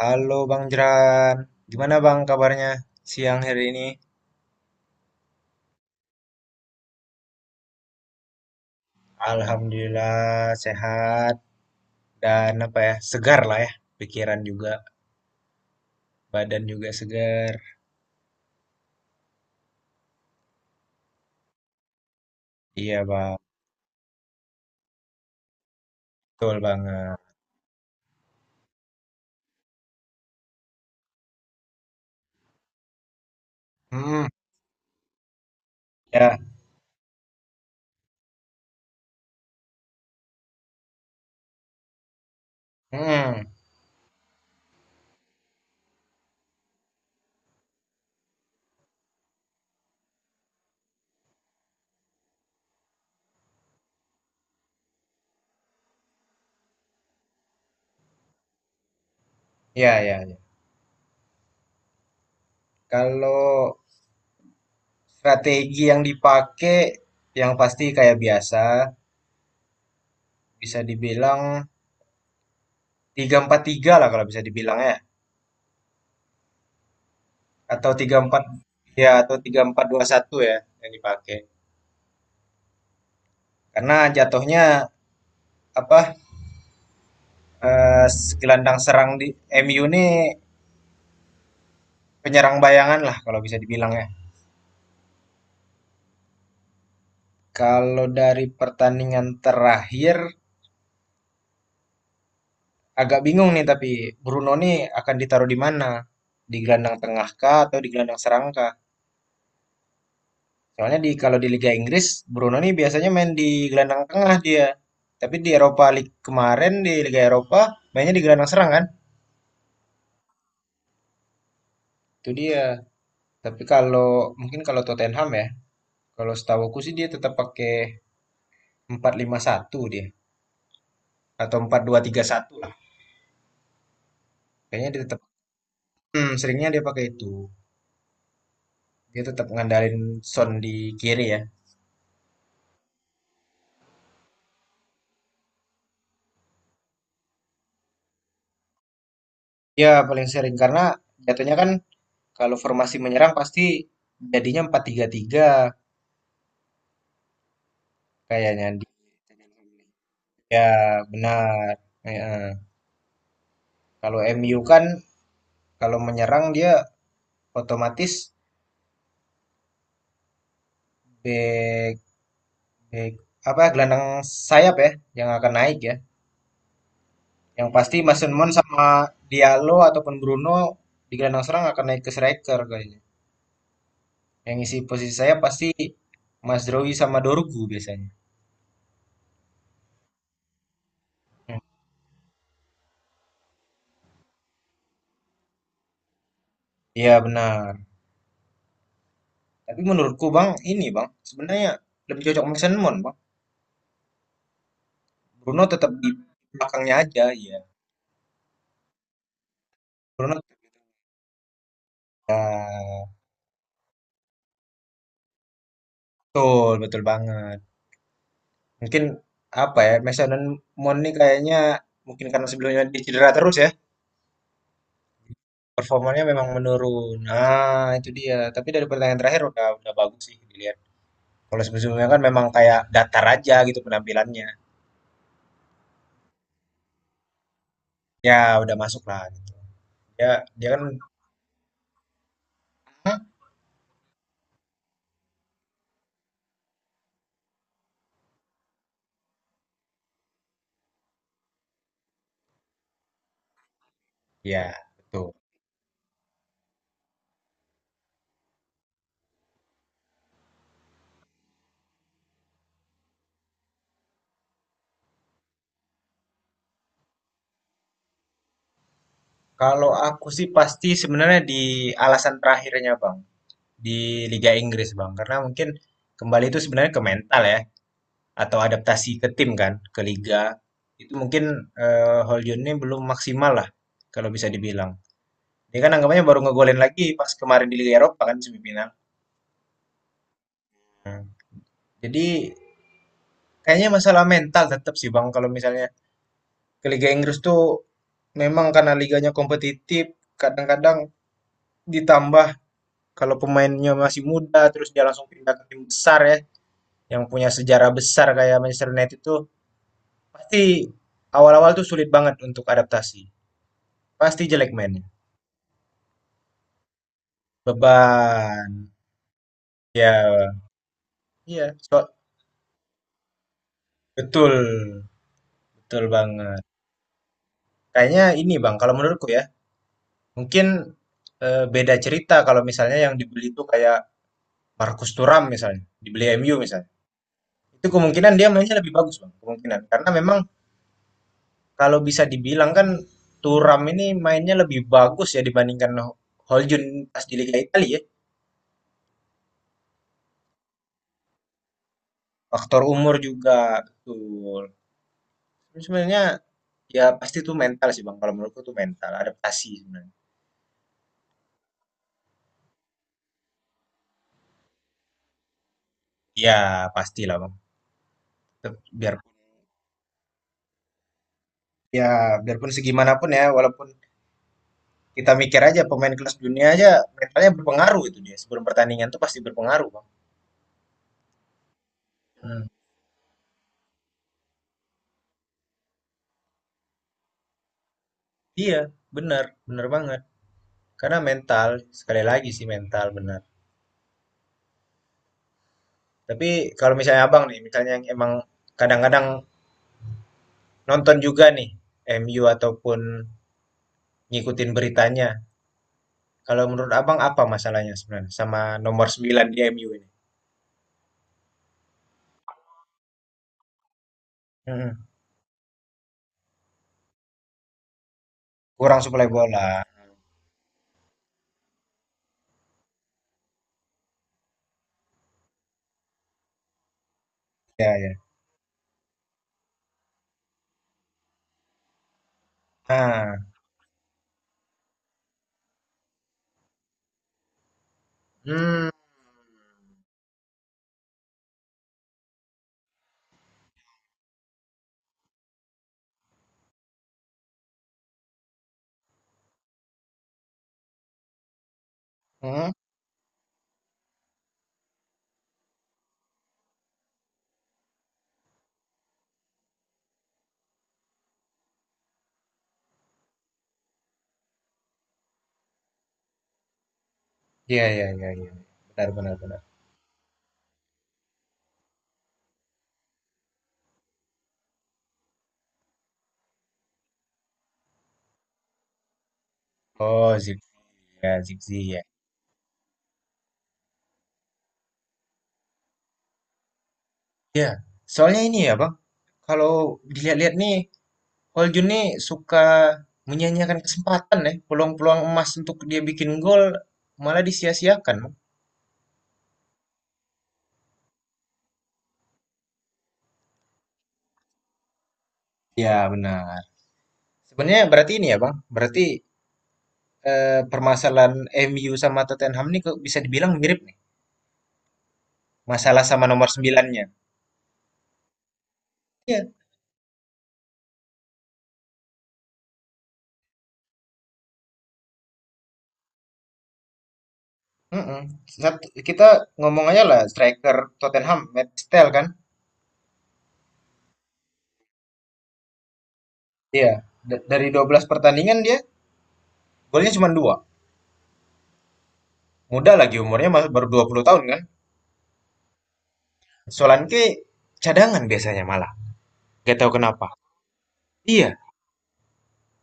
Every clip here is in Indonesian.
Halo Bang Jeran, gimana Bang kabarnya siang hari ini? Alhamdulillah sehat dan apa ya, segar lah ya, pikiran juga, badan juga segar. Iya Bang, betul banget. Hmm, ya, hmm, ya, ya, ya. Kalau strategi yang dipakai, yang pasti kayak biasa, bisa dibilang tiga empat tiga lah kalau bisa dibilang ya, atau tiga empat, ya, atau tiga empat dua satu ya yang dipakai. Karena jatuhnya apa eh, gelandang serang di MU nih penyerang bayangan lah kalau bisa dibilang ya. Kalau dari pertandingan terakhir agak bingung nih tapi Bruno nih akan ditaruh di mana? Di gelandang tengah kah atau di gelandang serang kah? Soalnya di kalau di Liga Inggris Bruno nih biasanya main di gelandang tengah dia. Tapi di Eropa League kemarin di Liga Eropa mainnya di gelandang serang kan? Itu dia. Tapi kalau mungkin kalau Tottenham ya, kalau setahu aku sih dia tetap pakai empat lima satu dia. Atau empat dua tiga satu lah. Kayaknya dia tetap seringnya dia pakai itu. Dia tetap ngandalin Son di kiri ya. Ya paling sering karena jatuhnya kan kalau formasi menyerang pasti jadinya empat tiga tiga kayaknya di, ya benar. Ya, kalau MU kan kalau menyerang dia otomatis back back apa gelandang sayap ya yang akan naik ya. Yang pasti Mason Mount sama Diallo ataupun Bruno di gelandang serang akan naik ke striker kayaknya. Yang isi posisi saya pasti Mas Drowi sama Dorgu biasanya. Hmm. Iya benar. Tapi menurutku Bang, ini Bang, sebenarnya lebih cocok Mason Mount Bang. Bruno tetap di belakangnya aja ya. Bruno ya, betul, betul banget. Mungkin apa ya, Mason Mount ini kayaknya mungkin karena sebelumnya dia cedera terus ya. Performanya memang menurun. Nah, itu dia. Tapi dari pertandingan terakhir udah bagus sih dilihat. Kalau sebelumnya kan memang kayak datar aja gitu penampilannya. Ya, udah masuk lah gitu. Ya, dia kan. Hah? Ya betul. Kalau aku sih pasti sebenarnya di alasan terakhirnya, Bang, di Liga Inggris, Bang. Karena mungkin kembali itu sebenarnya ke mental ya atau adaptasi ke tim kan, ke liga. Itu mungkin Hojlund ini belum maksimal lah kalau bisa dibilang. Dia kan anggapannya baru ngegolin lagi pas kemarin di Liga Eropa kan semifinal. Hmm. Jadi kayaknya masalah mental tetap sih Bang kalau misalnya ke Liga Inggris tuh memang karena liganya kompetitif, kadang-kadang ditambah kalau pemainnya masih muda terus dia langsung pindah ke tim besar ya yang punya sejarah besar kayak Manchester United itu pasti awal-awal tuh sulit banget untuk adaptasi. Pasti jelek mainnya. Beban. Ya, iya, betul. Betul banget. Kayaknya ini Bang, kalau menurutku ya, mungkin beda cerita kalau misalnya yang dibeli itu kayak Marcus Thuram misalnya, dibeli MU misalnya. Itu kemungkinan dia mainnya lebih bagus, Bang. Kemungkinan. Karena memang kalau bisa dibilang kan Thuram ini mainnya lebih bagus ya dibandingkan Holjun pas di Liga Italia ya. Faktor umur juga betul. Tapi sebenarnya ya pasti itu mental sih, Bang. Kalau menurutku itu mental, adaptasi sebenarnya. Ya, pastilah, Bang. Tetep. Biar ya biarpun segimanapun ya, walaupun kita mikir aja pemain kelas dunia aja mentalnya berpengaruh itu dia. Sebelum pertandingan tuh pasti berpengaruh, Bang. Hmm. Iya, benar, benar banget. Karena mental, sekali lagi sih mental benar. Tapi kalau misalnya abang nih, misalnya yang emang kadang-kadang nonton juga nih MU ataupun ngikutin beritanya. Kalau menurut abang apa masalahnya sebenarnya sama nomor 9 di MU ini? Mm. Kurang suplai bola. Ya, ya. Ah. Hmm. Hmm. Ya, ya, ya, ya. Benar, benar, benar. Oh, Zigzi ya, Zigzi ya. Ya, soalnya ini ya Bang, kalau dilihat-lihat nih, Hol Jun nih suka menyanyiakan kesempatan ya, peluang-peluang emas untuk dia bikin gol malah disia-siakan Bang. Ya benar. Sebenarnya berarti ini ya Bang, berarti permasalahan MU sama Tottenham nih kok bisa dibilang mirip nih, masalah sama nomor sembilannya. Iya. Mm-mm. Sat- Kita ngomong aja lah striker Tottenham, Matt Stell kan? Iya, dari 12 pertandingan dia golnya cuma dua. Muda lagi umurnya masih baru 20 tahun kan? Solanke cadangan biasanya malah, gak tahu kenapa. Iya,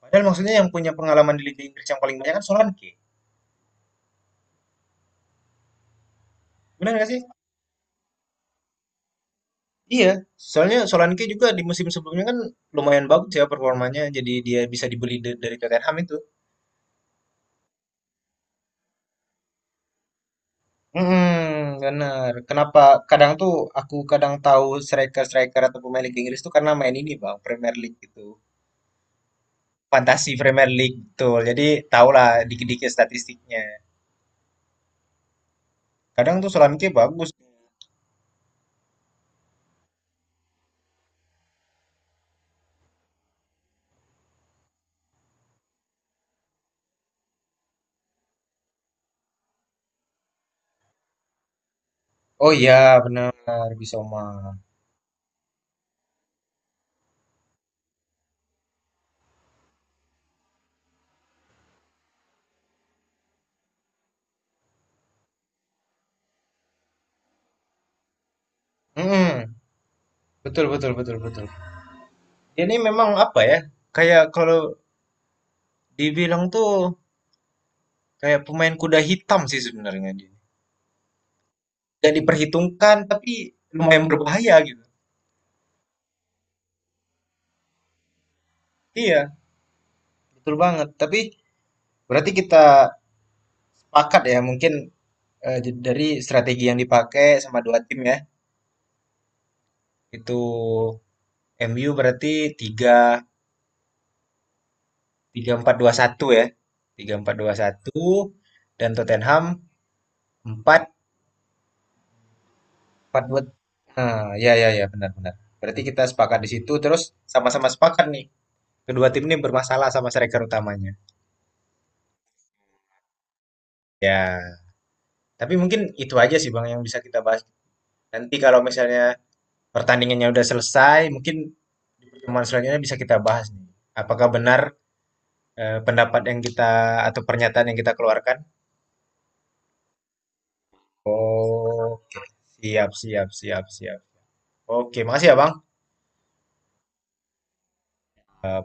padahal maksudnya yang punya pengalaman di Liga Inggris yang paling banyak kan Solanke. Benar gak sih? Iya, soalnya Solanke juga di musim sebelumnya kan lumayan bagus ya performanya, jadi dia bisa dibeli dari Tottenham itu. Hmm, benar. Kenapa kadang tuh aku kadang tahu striker-striker atau pemain Liga Inggris tuh karena main ini bang, Premier League gitu. Fantasi Premier League tuh, jadi tahulah dikit-dikit statistiknya. Kadang tuh Solanke bagus. Oh iya, benar, Bisoma. Mm-mm. Betul, betul, betul, betul. Ini memang apa ya? Kayak kalau dibilang tuh kayak pemain kuda hitam sih sebenarnya dia. Gak diperhitungkan tapi lumayan berbahaya gitu. Iya, betul banget. Tapi berarti kita sepakat ya mungkin dari strategi yang dipakai sama dua tim ya. Itu MU berarti tiga tiga empat dua satu ya. Tiga empat dua satu dan Tottenham empat. Patwood. Ah, ya ya ya benar-benar. Berarti kita sepakat di situ terus sama-sama sepakat nih. Kedua tim ini bermasalah sama striker utamanya. Ya, tapi mungkin itu aja sih Bang yang bisa kita bahas. Nanti kalau misalnya pertandingannya udah selesai, mungkin di pertemuan selanjutnya bisa kita bahas nih. Apakah benar pendapat yang kita atau pernyataan yang kita keluarkan? Oh, siap siap siap siap. Oke, makasih ya Bang. Eh,